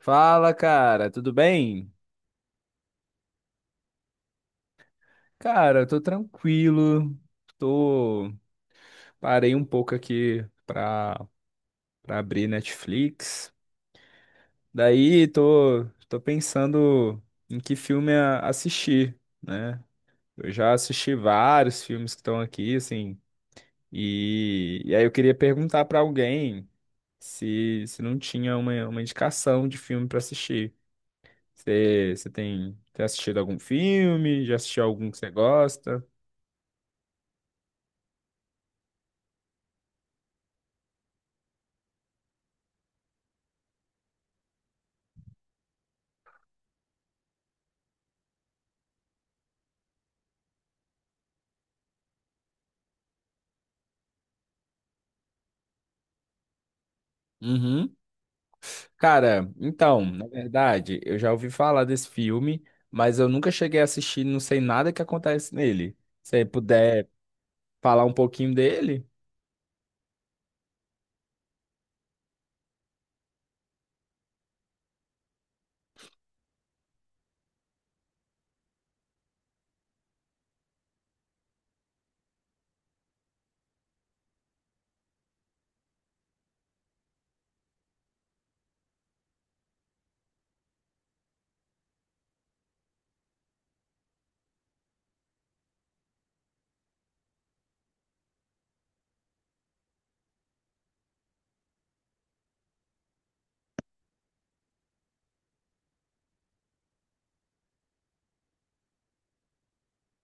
Fala, cara, tudo bem? Cara, eu tô tranquilo. Tô parei um pouco aqui pra abrir Netflix. Daí tô pensando em que filme assistir, né? Eu já assisti vários filmes que estão aqui, assim, e aí eu queria perguntar pra alguém se não tinha uma indicação de filme pra assistir. Você tem, tem assistido algum filme? Já assistiu algum que você gosta? Uhum. Cara, então, na verdade, eu já ouvi falar desse filme, mas eu nunca cheguei a assistir, não sei nada que acontece nele. Se você puder falar um pouquinho dele?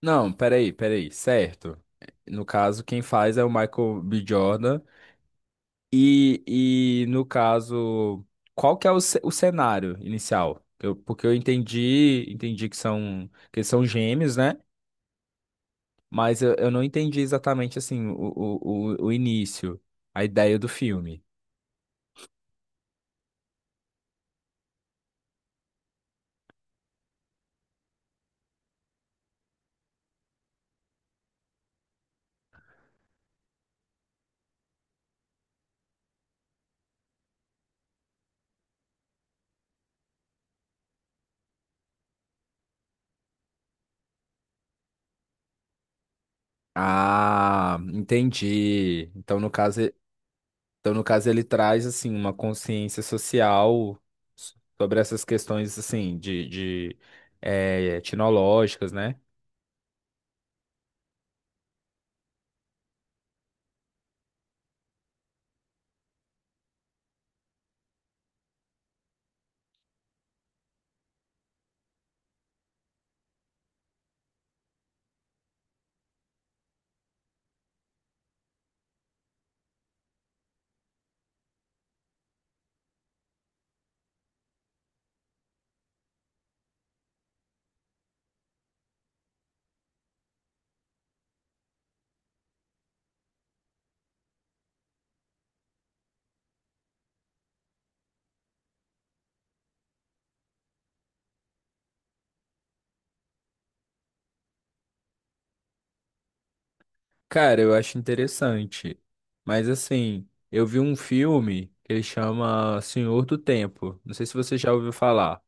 Não, peraí, peraí, certo. No caso, quem faz é o Michael B. Jordan. E, e no caso, qual que é o cenário inicial? Porque eu entendi, entendi que são gêmeos, né? Mas eu não entendi exatamente assim o início, a ideia do filme. Ah, entendi. Então, no caso, então, no caso, ele traz assim uma consciência social sobre essas questões assim de etnológicas, né? Cara, eu acho interessante. Mas assim, eu vi um filme que ele chama Senhor do Tempo. Não sei se você já ouviu falar.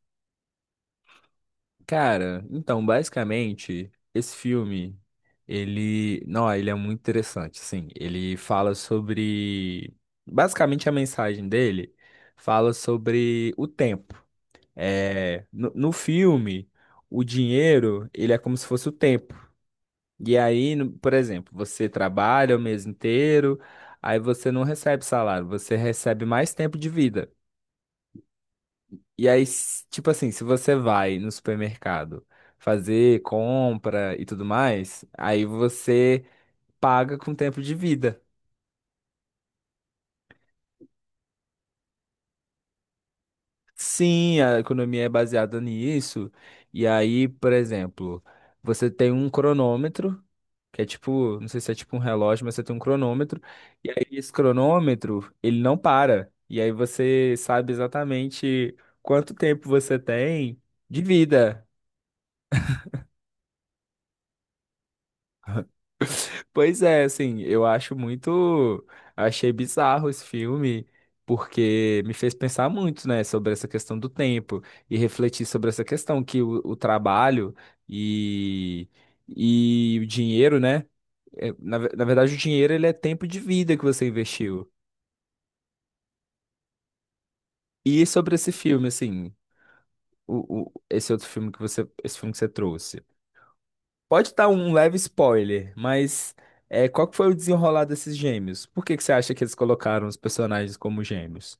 Cara, então, basicamente, esse filme, ele, não, ele é muito interessante, sim. Ele fala sobre, basicamente a mensagem dele fala sobre o tempo. No filme, o dinheiro, ele é como se fosse o tempo. E aí, por exemplo, você trabalha o mês inteiro, aí você não recebe salário, você recebe mais tempo de vida. E aí, tipo assim, se você vai no supermercado fazer compra e tudo mais, aí você paga com tempo de vida. Sim, a economia é baseada nisso. E aí, por exemplo, você tem um cronômetro, que é tipo, não sei se é tipo um relógio, mas você tem um cronômetro, e aí esse cronômetro, ele não para. E aí você sabe exatamente quanto tempo você tem de vida. Pois é, assim, eu acho muito. Achei bizarro esse filme, porque me fez pensar muito, né, sobre essa questão do tempo e refletir sobre essa questão que o trabalho e, e o dinheiro, né? Na verdade, o dinheiro ele é tempo de vida que você investiu. E sobre esse filme, assim, esse outro filme esse filme que você trouxe. Pode estar um leve spoiler, mas é, qual que foi o desenrolar desses gêmeos? Por que que você acha que eles colocaram os personagens como gêmeos?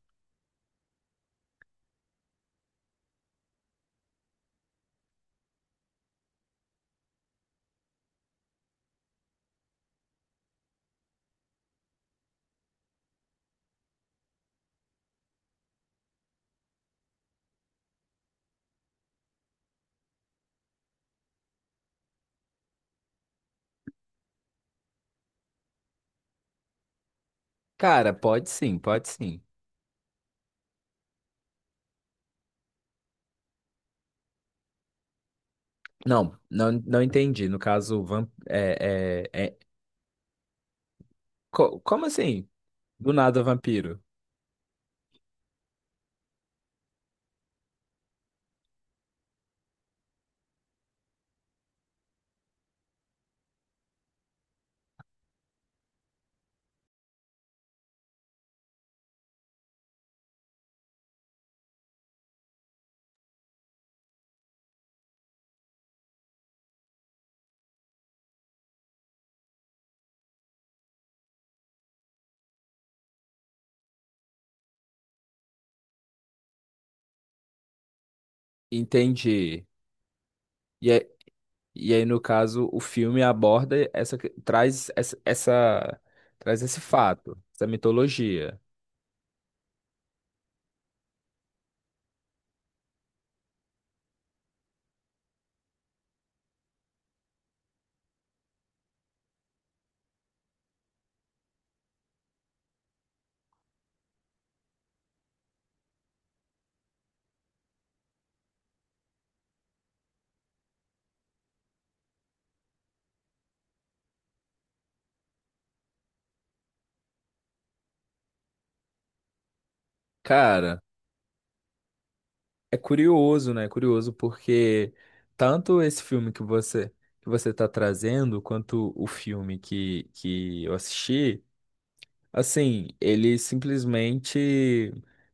Cara, pode sim, pode sim. Não, não, não entendi. No caso, vamp é, é, é- co- como assim? Do nada vampiro. Entendi. E, aí- e aí, no caso, o filme aborda traz traz esse fato, essa mitologia. Cara. É curioso, né? É curioso porque tanto esse filme que você está trazendo, quanto o filme que eu assisti. Assim, ele simplesmente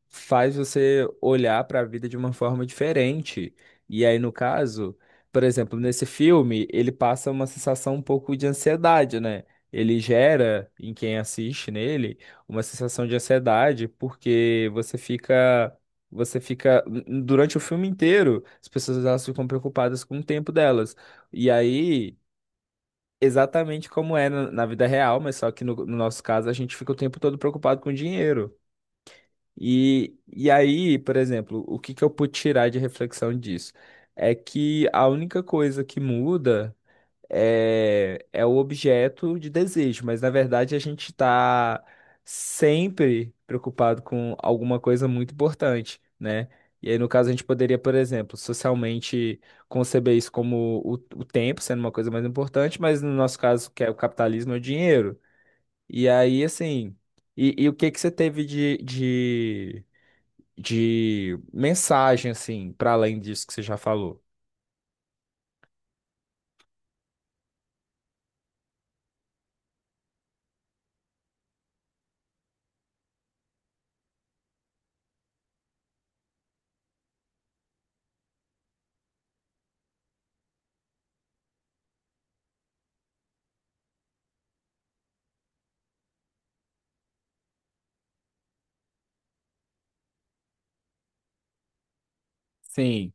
faz você olhar para a vida de uma forma diferente. E aí, no caso, por exemplo, nesse filme, ele passa uma sensação um pouco de ansiedade, né? Ele gera em quem assiste nele uma sensação de ansiedade, porque você fica durante o filme inteiro, as pessoas elas ficam preocupadas com o tempo delas. E aí exatamente como é na na vida real, mas só que no nosso caso a gente fica o tempo todo preocupado com dinheiro. E aí, por exemplo, o que que eu pude tirar de reflexão disso? É que a única coisa que muda é o objeto de desejo, mas na verdade a gente está sempre preocupado com alguma coisa muito importante, né? E aí, no caso, a gente poderia, por exemplo, socialmente conceber isso como o tempo sendo uma coisa mais importante, mas no nosso caso, que é o capitalismo, é o dinheiro. E aí, assim, e o que que você teve de mensagem, assim, para além disso que você já falou? Sim,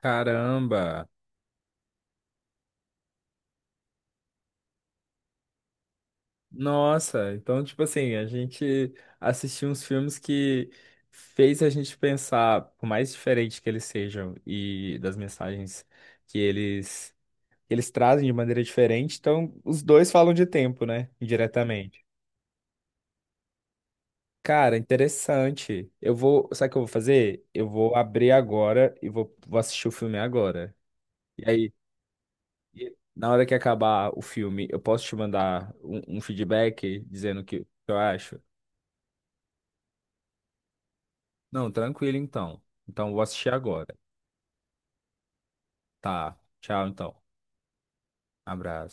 caramba. Nossa, então, tipo assim, a gente assistiu uns filmes que fez a gente pensar, por mais diferente que eles sejam e das mensagens que eles, que eles trazem de maneira diferente, então os dois falam de tempo, né? Indiretamente. Cara, interessante. Eu vou, sabe o que eu vou fazer? Eu vou abrir agora e vou, vou assistir o filme agora. E aí, e na hora que acabar o filme, eu posso te mandar um, um feedback dizendo o que eu acho? Não, tranquilo então. Então, vou assistir agora. Tá. Tchau, então. Abraço.